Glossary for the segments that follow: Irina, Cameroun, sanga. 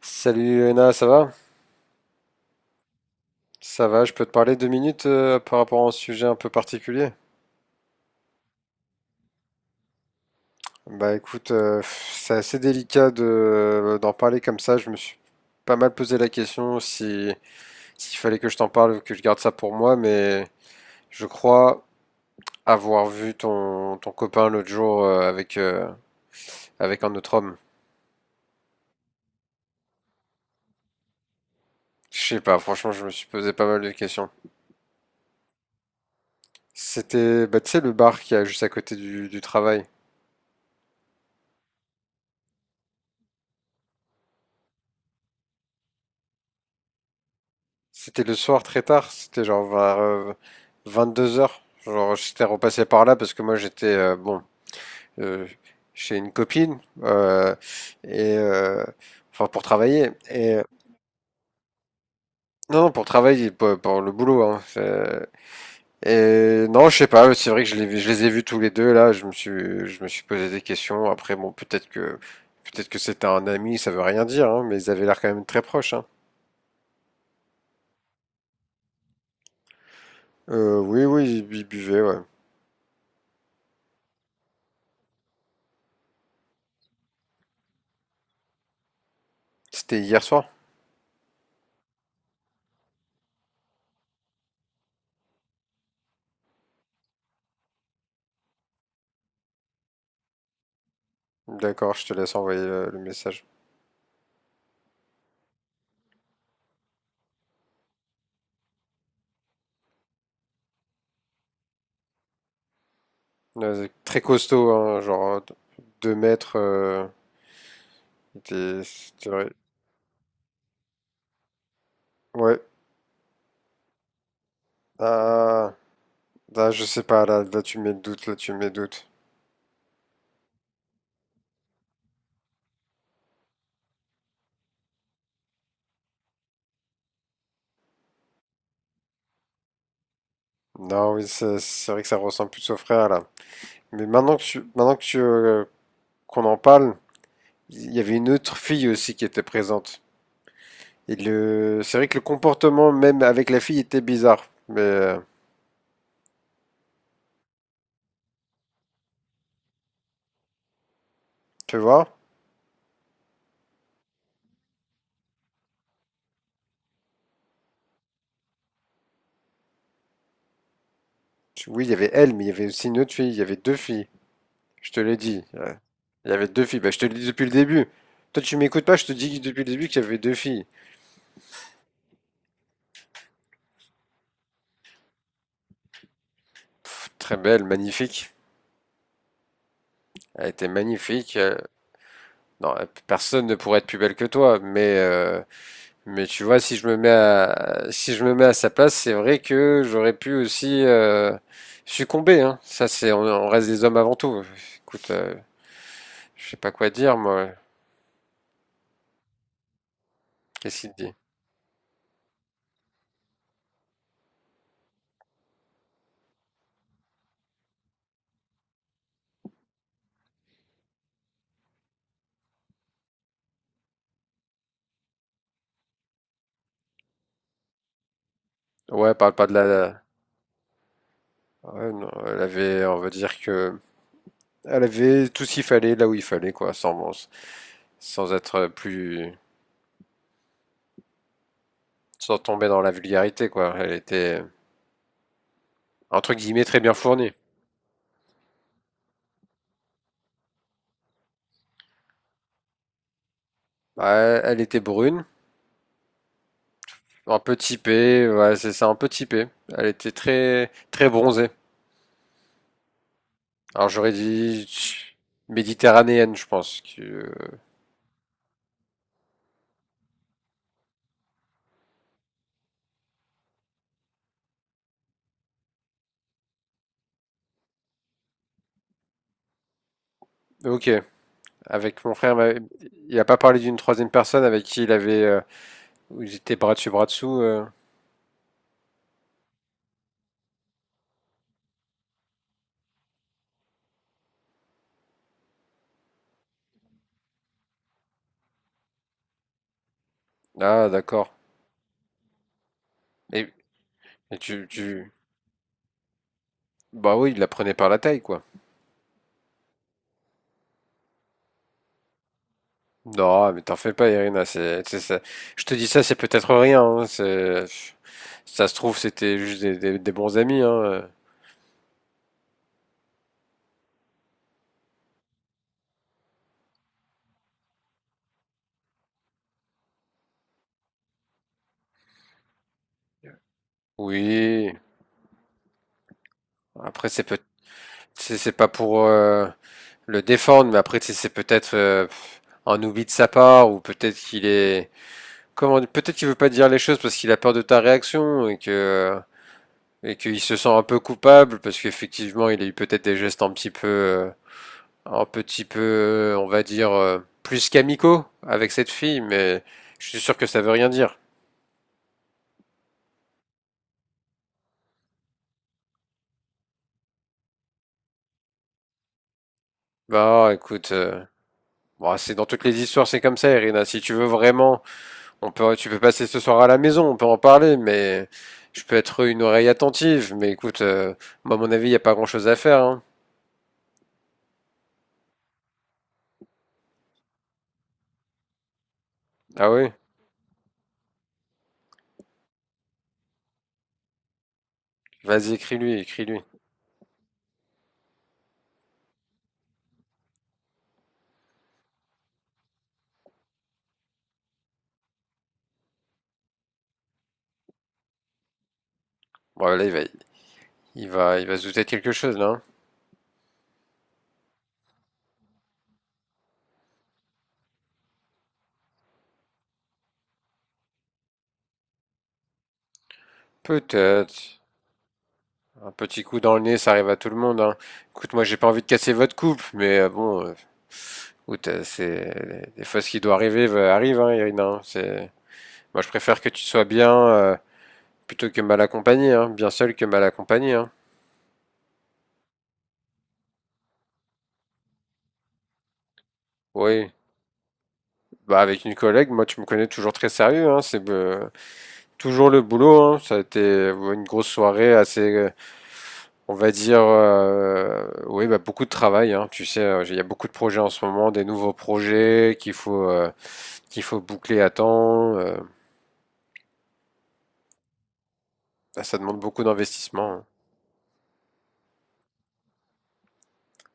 Salut Léna, ça va? Ça va, je peux te parler 2 minutes par rapport à un sujet un peu particulier? Bah écoute, c'est assez délicat de, d'en parler comme ça. Je me suis pas mal posé la question si, s'il fallait que je t'en parle ou que je garde ça pour moi, mais je crois avoir vu ton copain l'autre jour avec un autre homme. Je sais pas, franchement, je me suis posé pas mal de questions. C'était, bah, tu sais, le bar qui est juste à côté du travail. C'était le soir très tard, c'était genre vers 22 h. Genre, j'étais repassé par là parce que moi j'étais bon euh, chez une copine et enfin pour travailler et non, non pour travailler pour le boulot, hein, et non, je sais pas, c'est vrai que je les ai vus tous les deux là. Je me suis posé des questions. Après, bon, peut-être que c'était un ami, ça veut rien dire, hein, mais ils avaient l'air quand même très proches, hein. Oui, oui, ils buvaient, ouais. C'était hier soir. D'accord, je te laisse envoyer le message. Ouais, c'est très costaud, hein, genre 2 mètres. C'était vrai. Ouais. Ah, ah, je sais pas, là, là tu me mets le doute, là tu me mets le doute. Non, oui, c'est vrai que ça ressemble plus au frère, là. Mais qu'on en parle, il y avait une autre fille aussi qui était présente. Et c'est vrai que le comportement même avec la fille était bizarre. Mais tu vois, oui, il y avait elle, mais il y avait aussi une autre fille, il y avait deux filles. Je te l'ai dit, ouais. Il y avait deux filles. Bah, je te l'ai dit depuis le début. Toi, tu m'écoutes pas, je te dis depuis le début qu'il y avait deux filles. Très belle, magnifique. Elle était magnifique. Non, personne ne pourrait être plus belle que toi. Mais tu vois, si je me mets à, si je me mets à sa place, c'est vrai que j'aurais pu aussi succomber. Hein. Ça, on reste des hommes avant tout. Écoute, je sais pas quoi dire, moi. Qu'est-ce qu'il te dit? Ouais, parle pas de la. Ouais, non, elle avait, on va dire que. Elle avait tout ce qu'il fallait là où il fallait, quoi, sans être plus. Sans tomber dans la vulgarité, quoi. Elle était, entre guillemets, très bien fournie. Bah, elle était brune, un peu typée, ouais, c'est ça, un peu typée. Elle était très, très bronzée. Alors j'aurais dit tch, méditerranéenne, je pense. Ok. Avec mon frère, bah, il n'a pas parlé d'une troisième personne avec qui il avait. Où ils étaient bras dessus, bras dessous. Ah, d'accord. Et, et tu, tu. Bah oui, il la prenait par la taille, quoi. Non, mais t'en fais pas, Irina. Je te dis ça, c'est peut-être rien, hein. Ça se trouve, c'était juste des, des bons amis, hein. Oui. Après, c'est pas pour le défendre, mais après, c'est peut-être un oubli de sa part, ou peut-être qu'il est, comment, peut-être qu'il veut pas te dire les choses parce qu'il a peur de ta réaction et qu'il se sent un peu coupable parce qu'effectivement, il a eu peut-être des gestes un petit peu, on va dire, plus qu'amicaux avec cette fille, mais je suis sûr que ça veut rien dire. Bah, écoute, bon, c'est dans toutes les histoires, c'est comme ça, Irina. Si tu veux vraiment, tu peux passer ce soir à la maison, on peut en parler, mais je peux être une oreille attentive. Mais écoute, moi, à mon avis, il n'y a pas grand-chose à faire, hein. Ah oui? Vas-y, écris-lui, écris-lui. Bon, là, il va se douter de quelque chose, là, hein. Peut-être. Un petit coup dans le nez, ça arrive à tout le monde, hein. Écoute, moi, j'ai pas envie de casser votre couple, mais bon, écoute, c'est des fois ce qui doit arriver arrive, hein, Irina, hein. C'est moi, je préfère que tu sois bien plutôt que mal accompagnée, hein. Bien seule que mal accompagnée, hein. Oui. Bah avec une collègue, moi tu me connais toujours très sérieux, hein. C'est toujours le boulot, hein. Ça a été une grosse soirée assez, on va dire, oui bah beaucoup de travail, hein. Tu sais, il y a beaucoup de projets en ce moment, des nouveaux projets qu'il faut boucler à temps. Bah, ça demande beaucoup d'investissement, hein.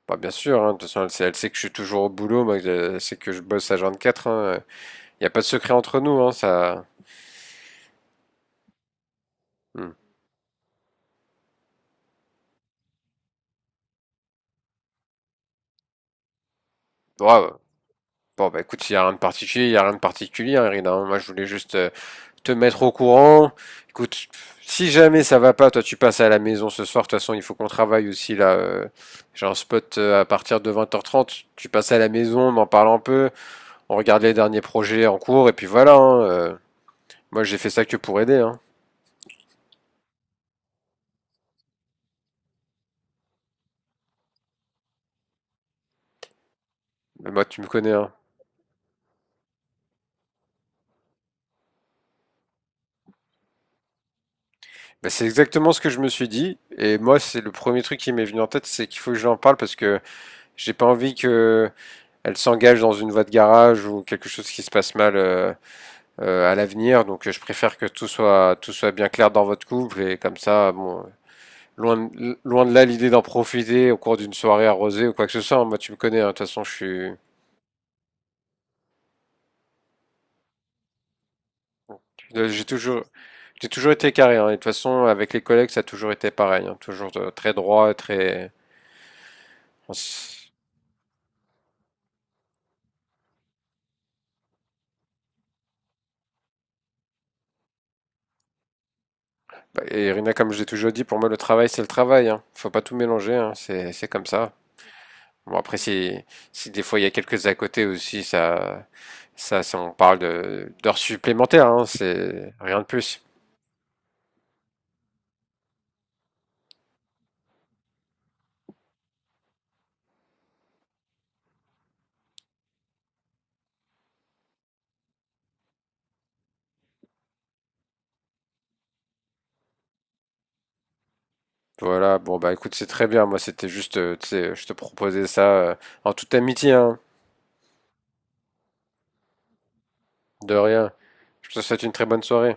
Bah bien sûr, hein, de toute façon, elle sait que je suis toujours au boulot, moi, elle sait que je bosse à 24, hein. Il n'y a pas de secret entre nous, hein, ça. Hmm. Ouais, ouais. Bon, bah écoute, il n'y a rien de particulier, il n'y a rien de particulier, hein, Irina, hein. Moi, je voulais juste te mettre au courant. Écoute, si jamais ça va pas, toi, tu passes à la maison ce soir. De toute façon, il faut qu'on travaille aussi, là. J'ai un spot à partir de 20h30. Tu passes à la maison, on en parle un peu, on regarde les derniers projets en cours, et puis voilà, hein. Moi, j'ai fait ça que pour aider, hein. Mais moi, tu me connais, hein. Bah, c'est exactement ce que je me suis dit. Et moi, c'est le premier truc qui m'est venu en tête, c'est qu'il faut que j'en parle parce que j'ai pas envie que elle s'engage dans une voie de garage ou quelque chose qui se passe mal à l'avenir. Donc, je préfère que tout soit bien clair dans votre couple et comme ça, bon, loin de là l'idée d'en profiter au cours d'une soirée arrosée ou quoi que ce soit. Moi, tu me connais, hein. De toute façon, je suis Euh, j'ai toujours j'ai toujours été carré, hein. Et de toute façon, avec les collègues, ça a toujours été pareil, hein. Toujours très droit, très on s- et Irina, comme j'ai toujours dit, pour moi, le travail, c'est le travail. Hein. Faut pas tout mélanger. Hein. C'est comme ça. Bon, après, si des fois il y a quelques à côté aussi, ça, on parle d'heures supplémentaires, hein. C'est rien de plus. Voilà. Bon, bah, écoute, c'est très bien. Moi, c'était juste, tu sais, je te proposais ça euh, en toute amitié, hein. De rien. Je te souhaite une très bonne soirée.